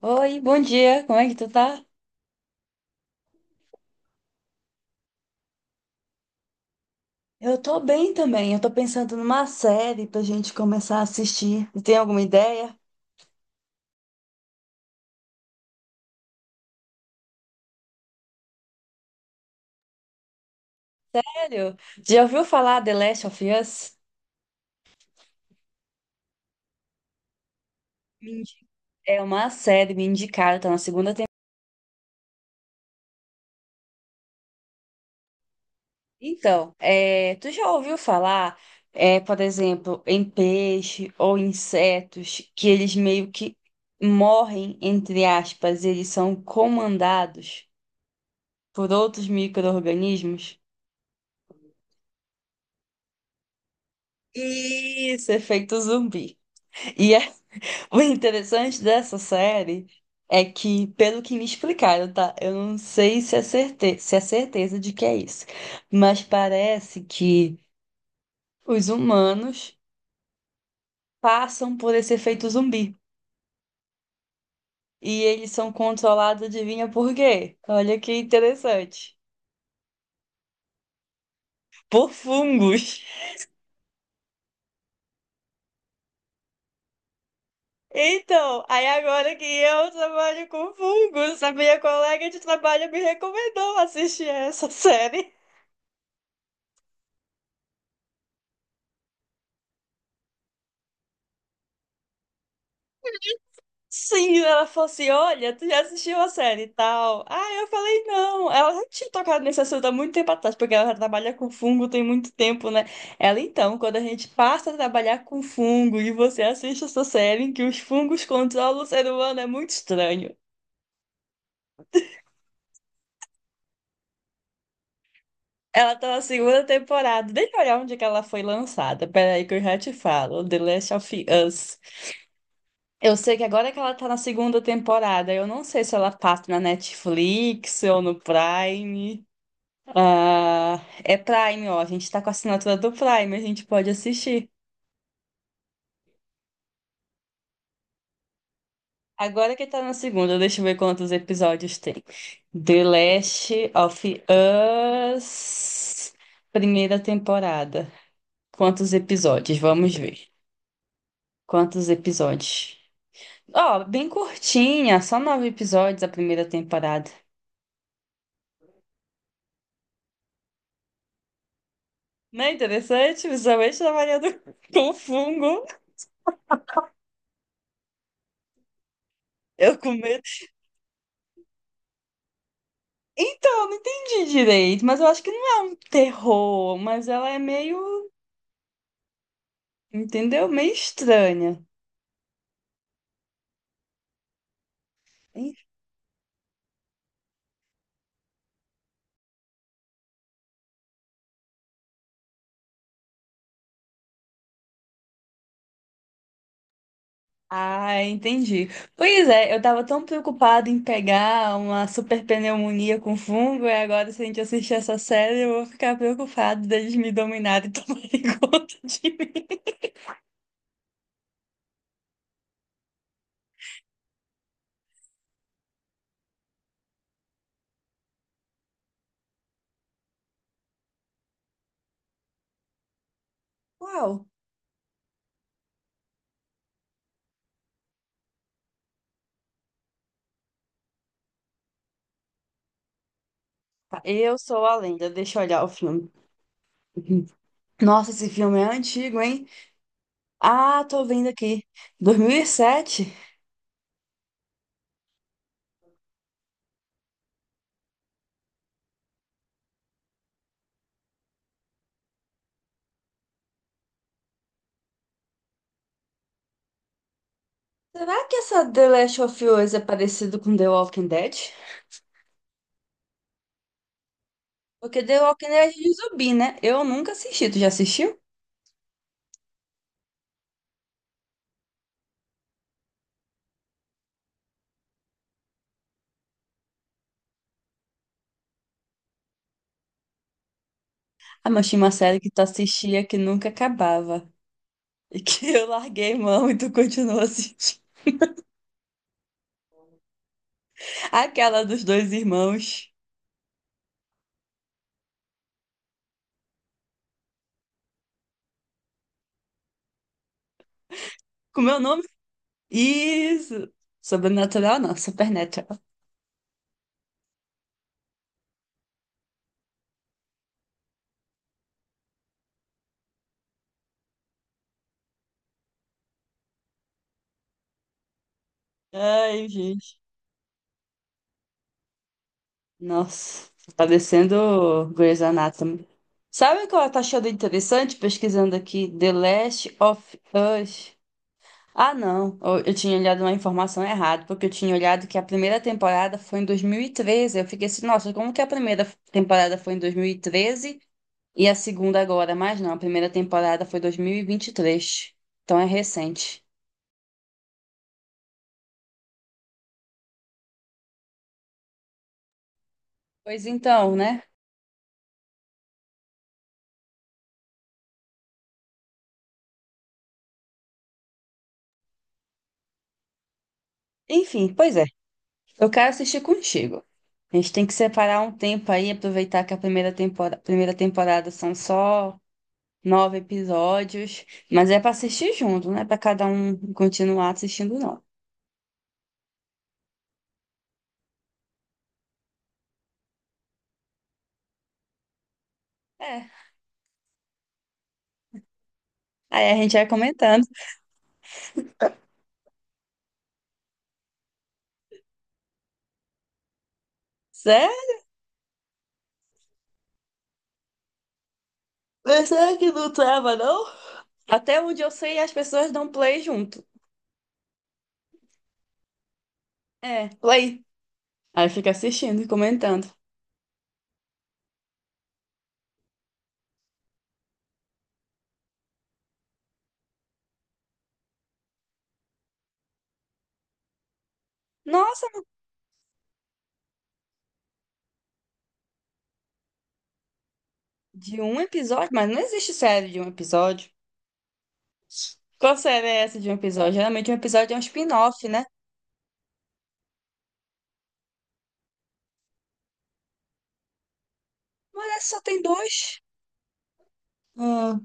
Oi, bom dia, como é que tu tá? Eu tô bem também. Eu tô pensando numa série pra gente começar a assistir. Você tem alguma ideia? Sério? Já ouviu falar The Last of Us? Me indica. É uma série me indicaram, tá na segunda temporada. Então, é, tu já ouviu falar, é, por exemplo, em peixe ou insetos que eles meio que morrem, entre aspas, eles são comandados por outros micro-organismos? Isso, efeito zumbi. E O interessante dessa série é que, pelo que me explicaram, tá? Eu não sei se se é certeza de que é isso, mas parece que os humanos passam por esse efeito zumbi e eles são controlados, adivinha por quê? Olha que interessante. Por fungos. Então, aí agora que eu trabalho com fungos, a minha colega de trabalho me recomendou assistir essa série. Sim, ela falou assim: Olha, tu já assistiu a série e tal. Ah, eu falei: Não. Ela já tinha tocado nesse assunto há muito tempo atrás, porque ela já trabalha com fungo tem muito tempo, né? Ela, então, quando a gente passa a trabalhar com fungo e você assiste essa série em que os fungos controlam o ser humano, é muito estranho. Ela tá na segunda temporada. Deixa eu olhar onde é que ela foi lançada. Peraí, que eu já te falo: The Last of Us. Eu sei que agora que ela tá na segunda temporada, eu não sei se ela passa na Netflix ou no Prime. Ah, é Prime, ó. A gente tá com a assinatura do Prime, a gente pode assistir. Agora que tá na segunda, deixa eu ver quantos episódios tem. The Last of Us, primeira temporada. Quantos episódios? Vamos ver. Quantos episódios? Ó, bem curtinha, só nove episódios a primeira temporada. Não é interessante? Visualmente trabalhando com fungo. Eu com medo. Então, não entendi direito, mas eu acho que não é um terror, mas ela é meio, entendeu? Meio estranha. En- Ah, entendi. Pois é, eu tava tão preocupada em pegar uma super pneumonia com fungo, e agora se a gente assistir essa série, eu vou ficar preocupada deles me dominarem e tomarem conta de mim. Uau! Eu sou a lenda, deixa eu olhar o filme. Uhum. Nossa, esse filme é antigo, hein? Ah, tô vendo aqui. 2007? Será que essa The Last of Us é parecido com The Walking Dead? Porque The Walking Dead é de zumbi, né? Eu nunca assisti. Tu já assistiu? Ah, mas tinha uma série que tu assistia que nunca acabava. E que eu larguei mão e tu continuou assistindo. Aquela dos dois irmãos. Com meu nome? Isso! Sobrenatural não, Supernatural. Ai, gente. Nossa, tá parecendo Grey's Anatomy. Sabe o que ela tá achando interessante pesquisando aqui? The Last of Us. Ah, não. Eu tinha olhado uma informação errada, porque eu tinha olhado que a primeira temporada foi em 2013. Eu fiquei assim, nossa, como que a primeira temporada foi em 2013 e treze e a segunda agora? Mas não, a primeira temporada foi 2023. Então é recente. Pois então, né? Enfim, pois é. Eu quero assistir contigo. A gente tem que separar um tempo aí, aproveitar que a primeira temporada são só nove episódios, mas é para assistir junto, não é para cada um continuar assistindo, não. É. Aí a gente vai comentando. Sério? Mas será que não trava, não? Até onde eu sei, as pessoas dão play junto. É, play. Aí fica assistindo e comentando. Nossa, de um episódio? Mas não existe série de um episódio. Qual série é essa de um episódio? Geralmente um episódio é um spin-off, né? Mas essa só tem dois. Ah,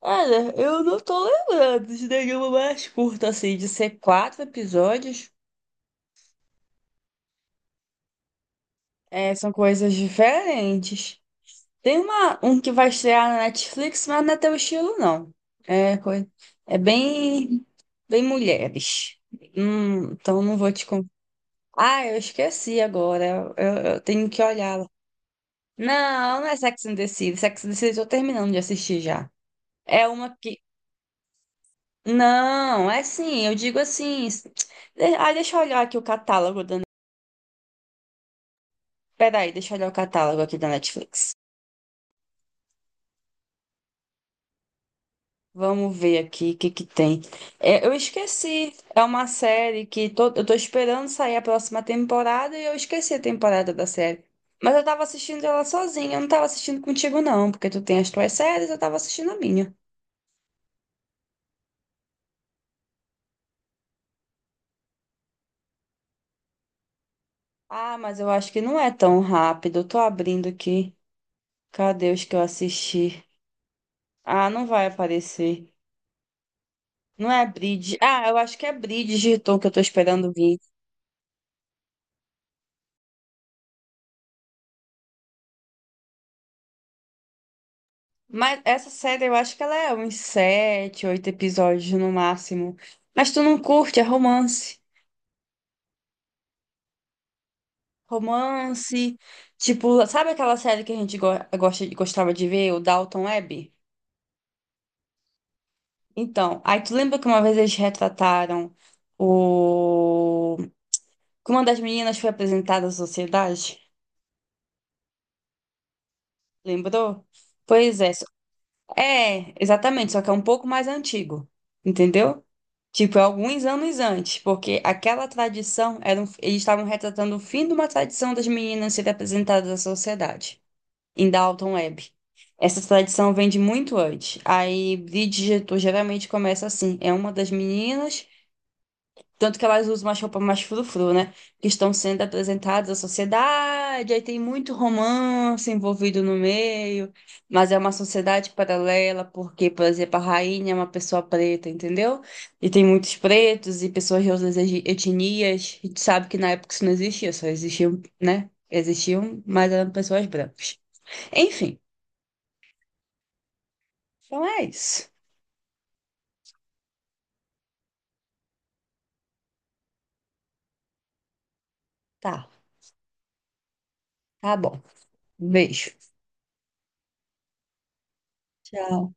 olha, eu não tô lembrando de nenhuma mais curta, assim, de ser quatro episódios. É, são coisas diferentes. Tem uma, um que vai estrear na Netflix, mas não é teu estilo, não. É, coi- é bem, bem mulheres. Então não vou te contar. Ah, eu esqueci agora. Eu tenho que olhar lá. Não, não é Sex and the City. Sex and the City eu tô terminando de assistir já. É uma que. Não, é sim, eu digo assim. Ah, deixa eu olhar aqui o catálogo da. Peraí, deixa eu olhar o catálogo aqui da Netflix. Vamos ver aqui o que que tem. É, eu esqueci. É uma série que eu tô esperando sair a próxima temporada e eu esqueci a temporada da série. Mas eu tava assistindo ela sozinha, eu não tava assistindo contigo, não, porque tu tem as tuas séries, eu tava assistindo a minha. Ah, mas eu acho que não é tão rápido. Eu tô abrindo aqui. Cadê os que eu assisti? Ah, não vai aparecer. Não é Bridge. Ah, eu acho que é Bridgerton que eu tô esperando vir. Mas essa série eu acho que ela é uns sete, oito episódios no máximo. Mas tu não curte, é romance. Romance. Tipo, sabe aquela série que a gente gostava de ver, o Dalton Webb? Então, aí tu lembra que uma vez eles retrataram o... que uma das meninas foi apresentada à sociedade? Lembrou? Pois é, é, exatamente, só que é um pouco mais antigo, entendeu? Tipo, é alguns anos antes, porque aquela tradição eles estavam retratando o fim de uma tradição das meninas serem apresentadas à sociedade, em Dalton Webb. Essa tradição vem de muito antes. Aí, Bridgerton geralmente começa assim: é uma das meninas tanto que elas usam uma roupa mais frufru, né? Que estão sendo apresentadas à sociedade, aí tem muito romance envolvido no meio, mas é uma sociedade paralela, porque, por exemplo, a rainha é uma pessoa preta, entendeu? E tem muitos pretos e pessoas de outras etnias, e tu sabe que na época isso não existia, só existiam, né? Existiam, mas eram pessoas brancas. Enfim, então é isso. Tá, tá bom. Beijo. Tchau.